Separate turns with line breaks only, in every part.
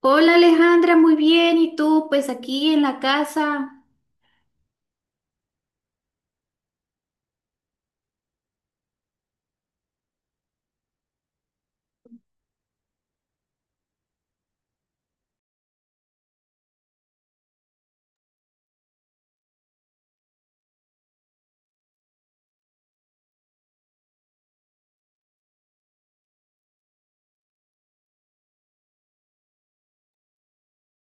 Hola Alejandra, muy bien. ¿Y tú? Pues aquí en la casa.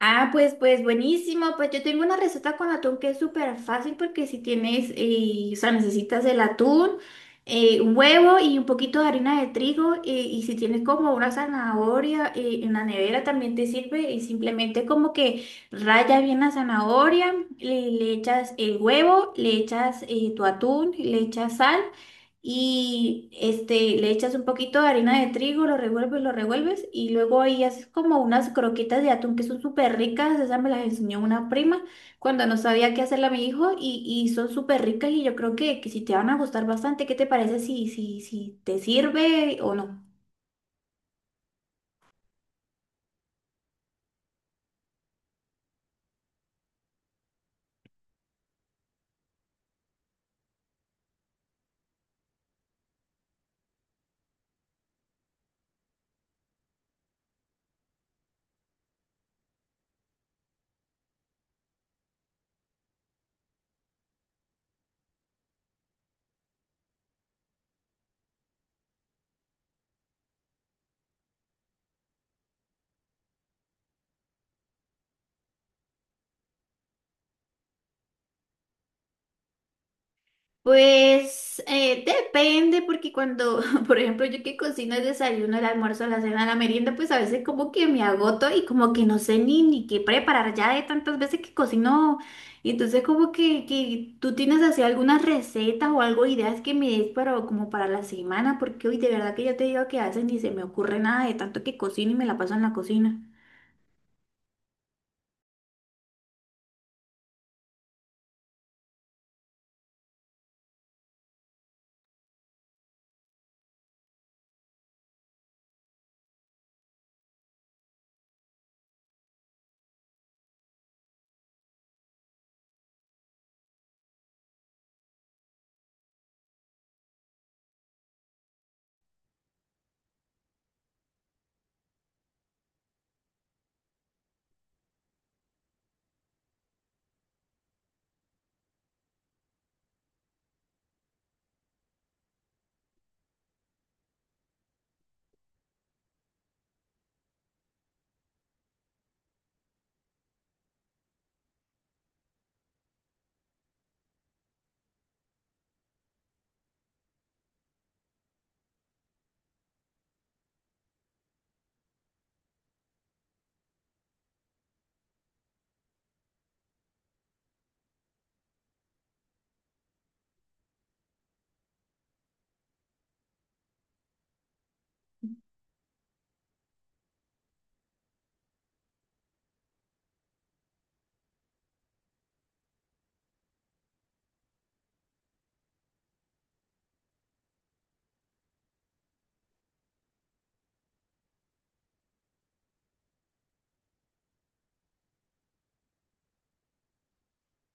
Ah, pues, pues buenísimo. Pues yo tengo una receta con atún que es súper fácil porque si tienes, o sea, necesitas el atún, un huevo y un poquito de harina de trigo y si tienes como una zanahoria en la nevera también te sirve y simplemente como que raya bien la zanahoria, le echas el huevo, le echas tu atún, le echas sal. Y este, le echas un poquito de harina de trigo, lo revuelves y luego ahí haces como unas croquetas de atún que son súper ricas, esas me las enseñó una prima cuando no sabía qué hacerle a mi hijo y son súper ricas y yo creo que si te van a gustar bastante. ¿Qué te parece si te sirve o no? Pues depende, porque cuando, por ejemplo, yo que cocino el desayuno, el almuerzo, la cena, la merienda, pues a veces como que me agoto y como que no sé ni qué preparar ya de tantas veces que cocino. Y entonces como que tú tienes así algunas recetas o algo, ideas que me des para, como para la semana, porque hoy de verdad que yo te digo que a veces ni se me ocurre nada de tanto que cocino y me la paso en la cocina.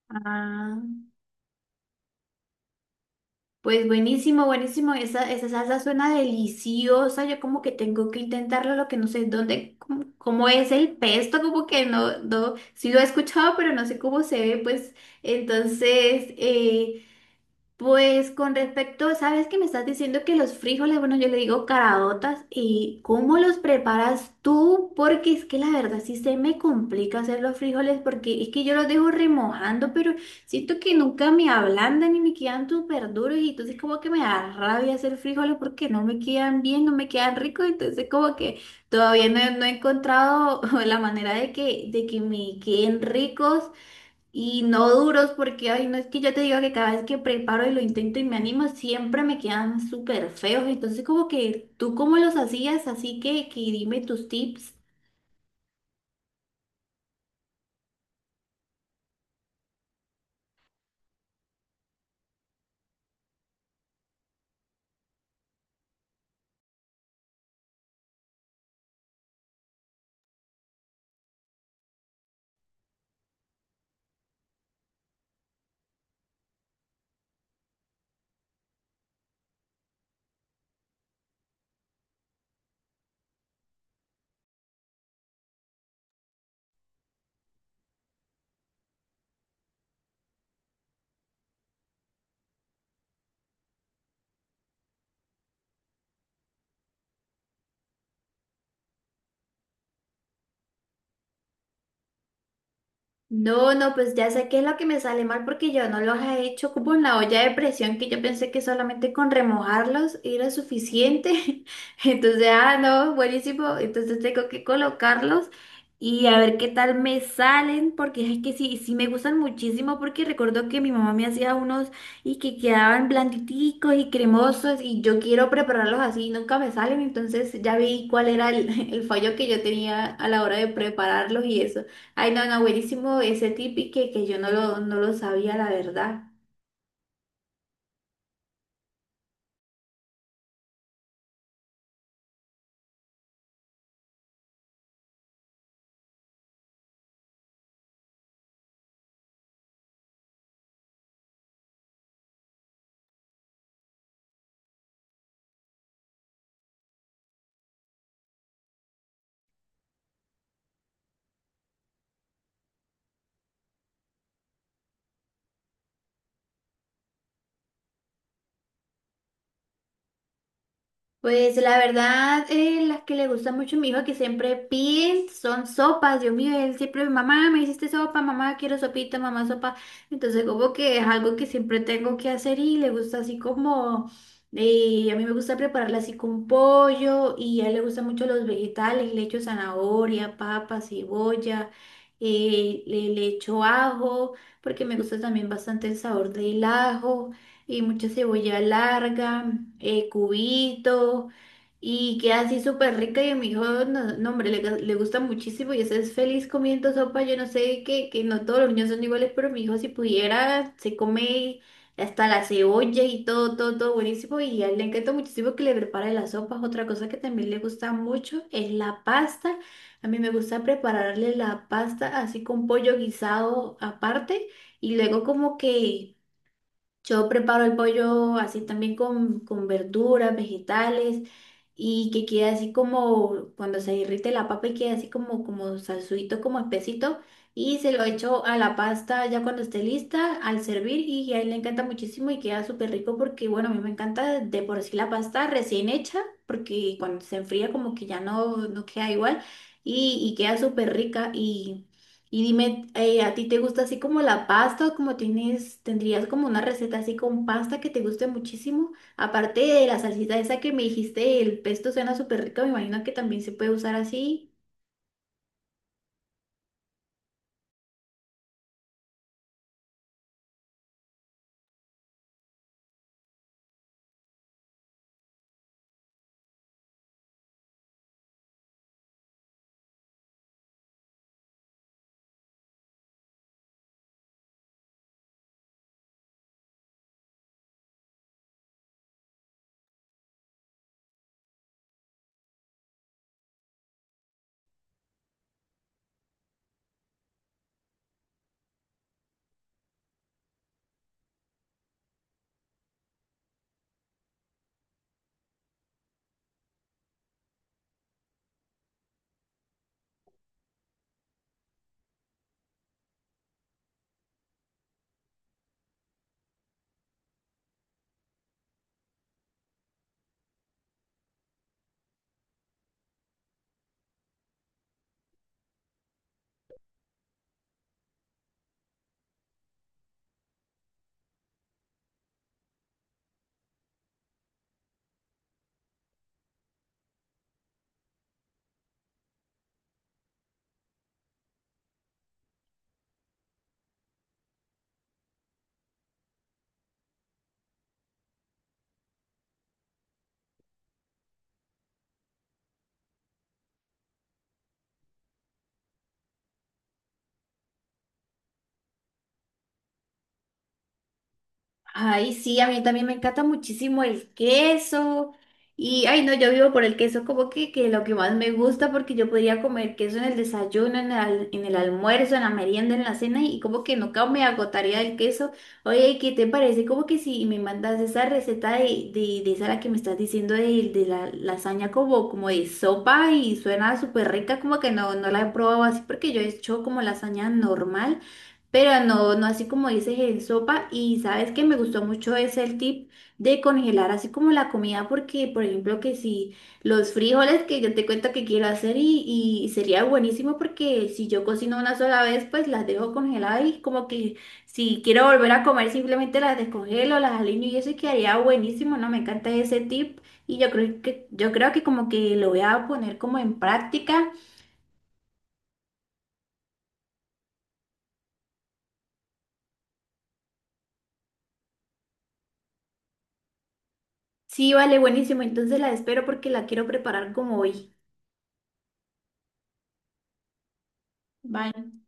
Ah. Pues buenísimo, buenísimo. Esa salsa suena deliciosa. Yo como que tengo que intentarlo, lo que no sé dónde, cómo, cómo es el pesto, como que no, no, sí lo he escuchado, pero no sé cómo se ve. Pues entonces, pues con respecto, sabes que me estás diciendo que los frijoles, bueno, yo le digo caraotas, ¿y cómo los preparas tú? Porque es que la verdad sí se me complica hacer los frijoles porque es que yo los dejo remojando, pero siento que nunca me ablandan y me quedan súper duros y entonces como que me da rabia hacer frijoles porque no me quedan bien, no me quedan ricos, entonces como que todavía no, he encontrado la manera de que me queden ricos. Y no duros porque, ay, no es que yo te digo que cada vez que preparo y lo intento y me animo, siempre me quedan súper feos. Entonces, como que tú cómo los hacías, así que dime tus tips. No, no, pues ya sé qué es lo que me sale mal porque yo no los he hecho como en la olla de presión que yo pensé que solamente con remojarlos era suficiente. Entonces, ah, no, buenísimo. Entonces tengo que colocarlos y a ver qué tal me salen porque es que sí, sí me gustan muchísimo porque recuerdo que mi mamá me hacía unos y que quedaban blanditicos y cremosos y yo quiero prepararlos así y nunca me salen. Entonces ya vi cuál era el fallo que yo tenía a la hora de prepararlos y eso. Ay, no, no, buenísimo ese tip y que yo no lo sabía, la verdad. Pues la verdad, las que le gusta mucho a mi hijo que siempre pide son sopas. Dios mío, él siempre, mamá, me hiciste sopa, mamá, quiero sopita, mamá, sopa. Entonces como que es algo que siempre tengo que hacer y le gusta así como, a mí me gusta prepararla así con pollo y a él le gustan mucho los vegetales, le echo zanahoria, papa, cebolla, le echo ajo, porque me gusta también bastante el sabor del ajo y mucha cebolla larga, cubitos, y queda así súper rica. Y a mi hijo, no, no, hombre, le gusta muchísimo y ese es feliz comiendo sopa. Yo no sé que no todos los niños son iguales, pero mi hijo, si pudiera, se come hasta la cebolla y todo, todo, todo buenísimo. Y a él le encanta muchísimo que le prepare las sopas. Otra cosa que también le gusta mucho es la pasta. A mí me gusta prepararle la pasta así con pollo guisado aparte y luego como que. Yo preparo el pollo así también con verduras, vegetales y que quede así como cuando se derrite la papa y quede así como, como salsuito, como espesito y se lo echo a la pasta ya cuando esté lista al servir y a él le encanta muchísimo y queda súper rico porque bueno, a mí me encanta de por sí la pasta recién hecha porque cuando se enfría como que ya no, no queda igual y queda súper rica y dime, ¿a ti te gusta así como la pasta o como tienes, tendrías como una receta así con pasta que te guste muchísimo? Aparte de la salsita esa que me dijiste, el pesto suena súper rico, me imagino que también se puede usar así. Ay, sí, a mí también me encanta muchísimo el queso. Y, ay, no, yo vivo por el queso, como que lo que más me gusta, porque yo podría comer queso en el desayuno, en el almuerzo, en la merienda, en la cena, y como que nunca me agotaría del queso. Oye, ¿qué te parece? Como que si me mandas esa receta de esa la que me estás diciendo de la lasaña como, como de sopa y suena súper rica, como que no, no la he probado así, porque yo he hecho como lasaña normal. Pero no, no así como dices en sopa. Y sabes que me gustó mucho ese el tip de congelar así como la comida, porque por ejemplo que si los frijoles que yo te cuento que quiero hacer y sería buenísimo porque si yo cocino una sola vez, pues las dejo congeladas y como que si quiero volver a comer simplemente las descongelo, las aliño y eso y quedaría buenísimo, ¿no? Me encanta ese tip y yo creo que como que lo voy a poner como en práctica. Sí, vale, buenísimo. Entonces la espero porque la quiero preparar como hoy. Bye.